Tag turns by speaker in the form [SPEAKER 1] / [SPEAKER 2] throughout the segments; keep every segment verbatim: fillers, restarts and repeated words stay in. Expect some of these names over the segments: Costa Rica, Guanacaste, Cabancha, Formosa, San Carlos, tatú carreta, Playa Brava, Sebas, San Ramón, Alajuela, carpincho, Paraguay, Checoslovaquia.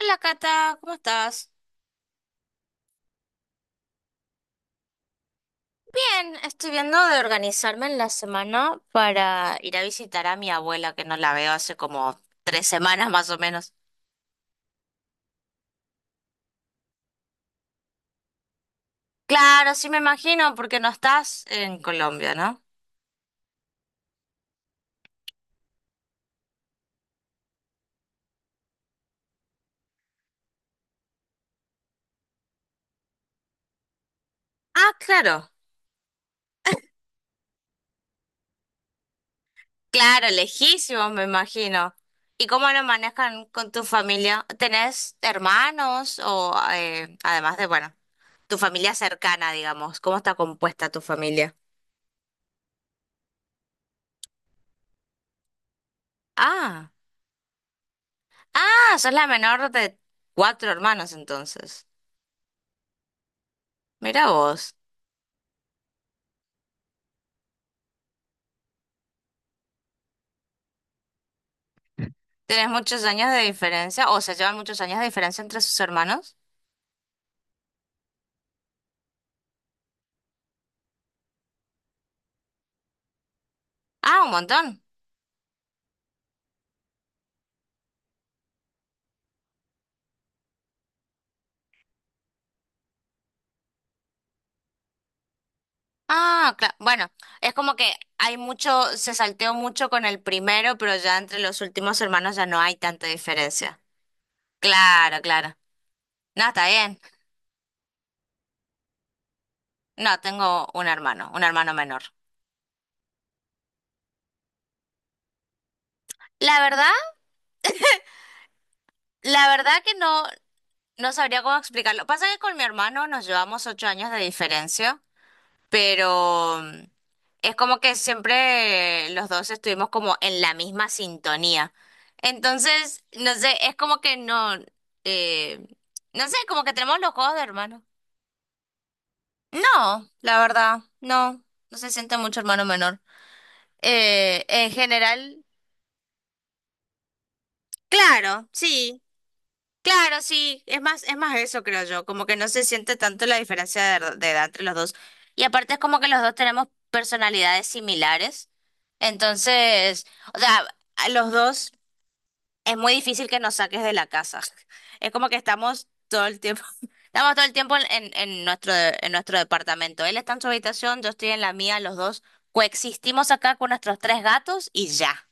[SPEAKER 1] Hola Cata, ¿cómo estás? Bien, estoy viendo de organizarme en la semana para ir a visitar a mi abuela, que no la veo hace como tres semanas más o menos. Claro, sí me imagino, porque no estás en Colombia, ¿no? Ah, claro, claro, lejísimo, me imagino. ¿Y cómo lo manejan con tu familia? ¿Tenés hermanos o eh, además de, bueno, tu familia cercana, digamos? ¿Cómo está compuesta tu familia? Ah. Ah, sos la menor de cuatro hermanos entonces. Mira vos. ¿Tenés muchos años de diferencia o se llevan muchos años de diferencia entre sus hermanos? Ah, un montón. Ah, claro. Bueno, es como que hay mucho, se salteó mucho con el primero, pero ya entre los últimos hermanos ya no hay tanta diferencia. Claro, claro. No, está bien. No, tengo un hermano, un hermano menor. La verdad, la verdad que no, no sabría cómo explicarlo. Pasa que con mi hermano nos llevamos ocho años de diferencia. Pero mm, es como que siempre los dos estuvimos como en la misma sintonía. Entonces, no sé, es como que no, eh, no sé, como que tenemos los juegos de hermano. No, la verdad, no, no se siente mucho hermano menor. Eh, en general, claro, sí. Claro, sí, es más, es más eso, creo yo, como que no se siente tanto la diferencia de, ed- de edad entre los dos. Y aparte es como que los dos tenemos personalidades similares. Entonces, o sea, a los dos es muy difícil que nos saques de la casa. Es como que estamos todo el tiempo, estamos todo el tiempo en, en- en nuestro, de- en nuestro departamento. Él está en su habitación, yo estoy en la mía, los dos coexistimos acá con nuestros tres gatos y ya.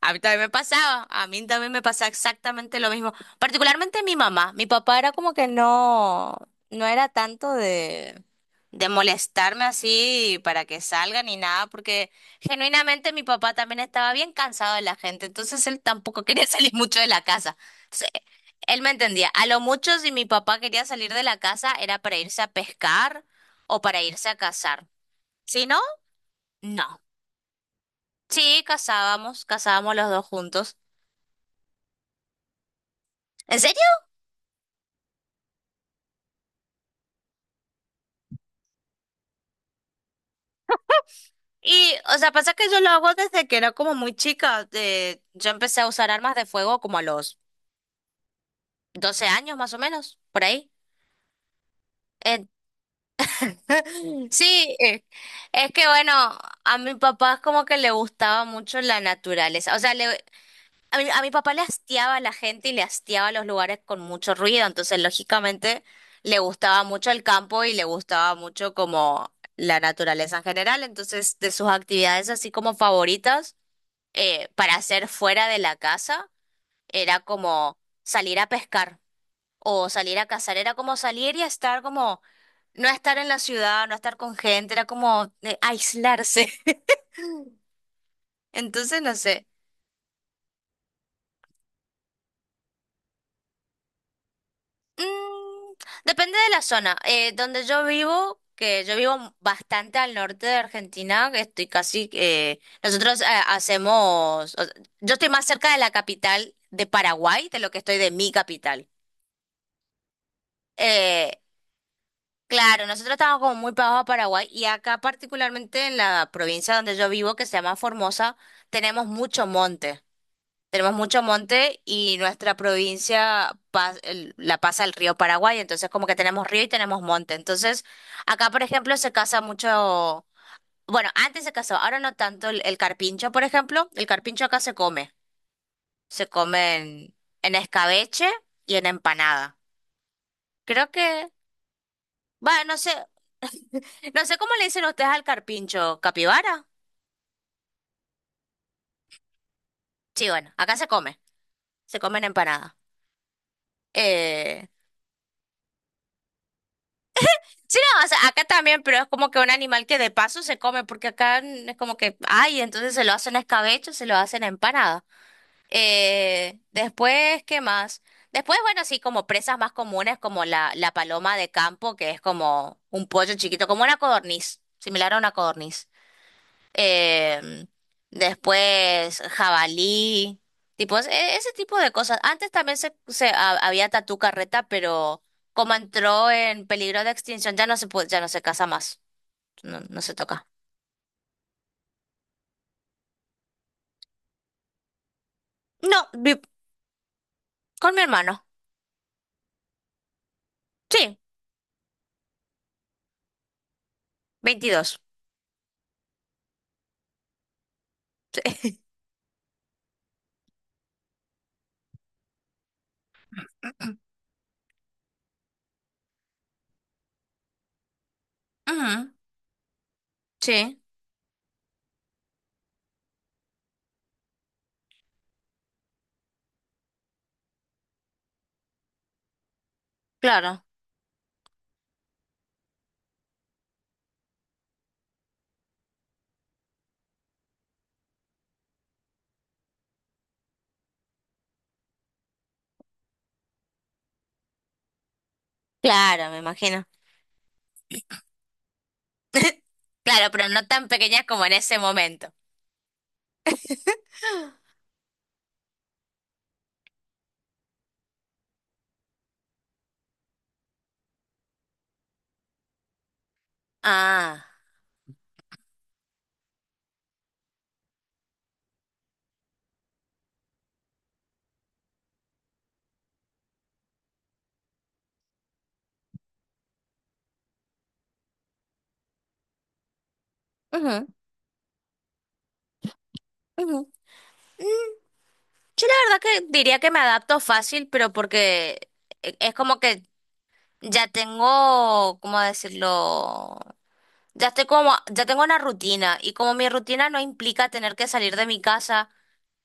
[SPEAKER 1] A mí también me pasaba, a mí también me pasaba exactamente lo mismo. Particularmente mi mamá, mi papá era como que no, no era tanto de, de, molestarme así para que salga ni nada, porque genuinamente mi papá también estaba bien cansado de la gente, entonces él tampoco quería salir mucho de la casa. Entonces, él me entendía. A lo mucho si mi papá quería salir de la casa era para irse a pescar o para irse a cazar. Si no, no. Sí, cazábamos, cazábamos los dos juntos. En serio. Y, o sea, pasa que yo lo hago desde que era como muy chica. De, yo empecé a usar armas de fuego como a los doce años más o menos, por ahí. Eh, sí, eh, es que bueno, a mi papá es como que le gustaba mucho la naturaleza. O sea, le, a mi, a mi papá le hastiaba a la gente y le hastiaba los lugares con mucho ruido. Entonces, lógicamente, le gustaba mucho el campo y le gustaba mucho como la naturaleza en general. Entonces, de sus actividades así como favoritas. eh, para hacer fuera de la casa era como salir a pescar o salir a cazar, era como salir y estar como, no estar en la ciudad, no estar con gente, era como eh, aislarse. Entonces, no sé. Mm, depende de la zona. Eh, donde yo vivo, que yo vivo bastante al norte de Argentina, que estoy casi, eh, nosotros eh, hacemos, o- yo estoy más cerca de la capital de Paraguay de lo que estoy de mi capital. Eh, Claro, nosotros estamos como muy pegados a Paraguay y acá particularmente en la provincia donde yo vivo, que se llama Formosa, tenemos mucho monte. Tenemos mucho monte y nuestra provincia pas- el- la pasa el río Paraguay, entonces como que tenemos río y tenemos monte. Entonces, acá por ejemplo se casa mucho, bueno, antes se casó, ahora no tanto el, el carpincho, por ejemplo. El carpincho acá se come, se come, en, en escabeche y en empanada. Creo que, bueno, no sé. No sé cómo le dicen ustedes al carpincho, capibara. Sí, bueno, acá se come, se comen empanadas. Eh, sí, no, o sea, acá también, pero es como que un animal que de paso se come, porque acá n- es como que, ay, entonces se lo hacen a escabecho, se lo hacen a empanada. Eh, después, ¿qué más? Después, bueno, sí, como presas más comunes, como la, la paloma de campo, que es como un pollo chiquito, como una codorniz, similar a una codorniz. em, después jabalí, tipo es- e- ese tipo de cosas. Antes también se, se ha- había tatú carreta, pero como entró en peligro de extinción, ya no se puede, ya no se casa más, no, no se toca. No, vi- con mi hermano, sí, veintidós. Sí, Ujú, sí, claro, claro, me imagino. Claro, pero no tan pequeñas como en ese momento. Ah, ujú, ujú. Yo la verdad que diría que me adapto fácil, pero porque e- es como que ya tengo, ¿cómo decirlo? Ya estoy como, ya tengo una rutina y como mi rutina no implica tener que salir de mi casa,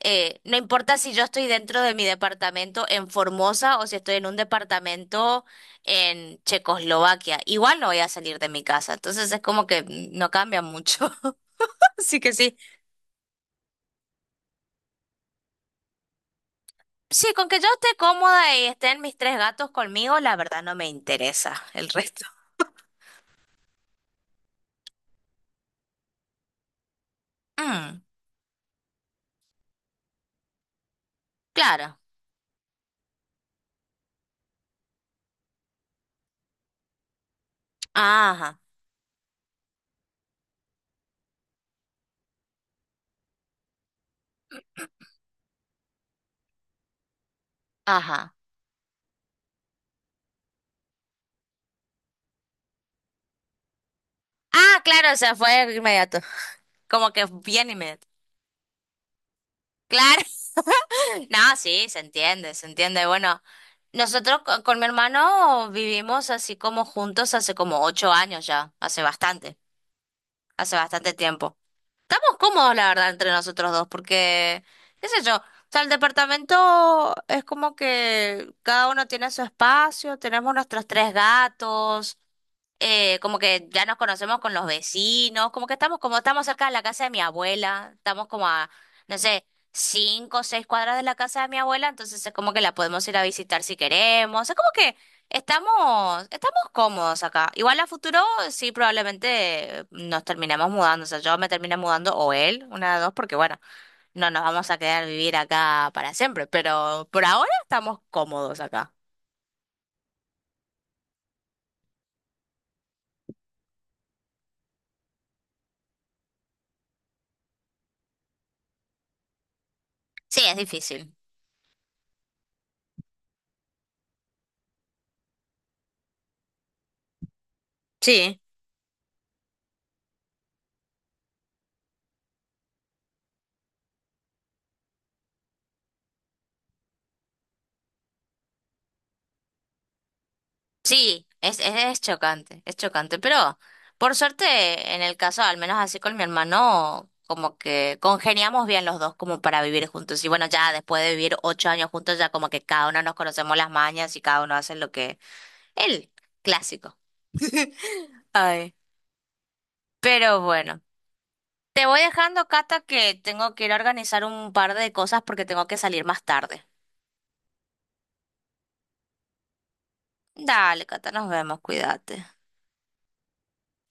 [SPEAKER 1] eh, no importa si yo estoy dentro de mi departamento en Formosa o si estoy en un departamento en Checoslovaquia, igual no voy a salir de mi casa, entonces es como que no cambia mucho. Así que sí. Sí, con que yo esté cómoda y estén mis tres gatos conmigo, la verdad no me interesa el resto. Mm, claro. Ajá, ajá. Ah, claro, o sea, fue inmediato. Como que bien inmediato. Claro. No, sí, se entiende, se entiende. Bueno, nosotros co- con, mi hermano vivimos así como juntos hace como ocho años ya, hace bastante, hace bastante tiempo. Estamos cómodos, la verdad, entre nosotros dos, porque, qué sé yo, o sea, el departamento es como que cada uno tiene su espacio, tenemos nuestros tres gatos, eh, como que ya nos conocemos con los vecinos, como que estamos, como estamos cerca de la casa de mi abuela, estamos como a, no sé, cinco o seis cuadras de la casa de mi abuela, entonces es como que la podemos ir a visitar si queremos, es como que Estamos, estamos cómodos acá. Igual a futuro sí probablemente eh, nos terminemos mudando. O sea, yo me termine mudando o él, una de dos, porque bueno, no nos vamos a quedar vivir acá para siempre. Pero por ahora estamos cómodos acá. Sí, es difícil. Sí, sí, es, es, es chocante, es chocante. Pero por suerte, en el caso, al menos así con mi hermano, como que congeniamos bien los dos como para vivir juntos. Y bueno, ya después de vivir ocho años juntos, ya como que cada uno nos conocemos las mañas y cada uno hace lo que. El clásico. Ay, pero bueno, te voy dejando, Cata, que tengo que ir a organizar un par de cosas porque tengo que salir más tarde. Dale, Cata, nos vemos, cuídate.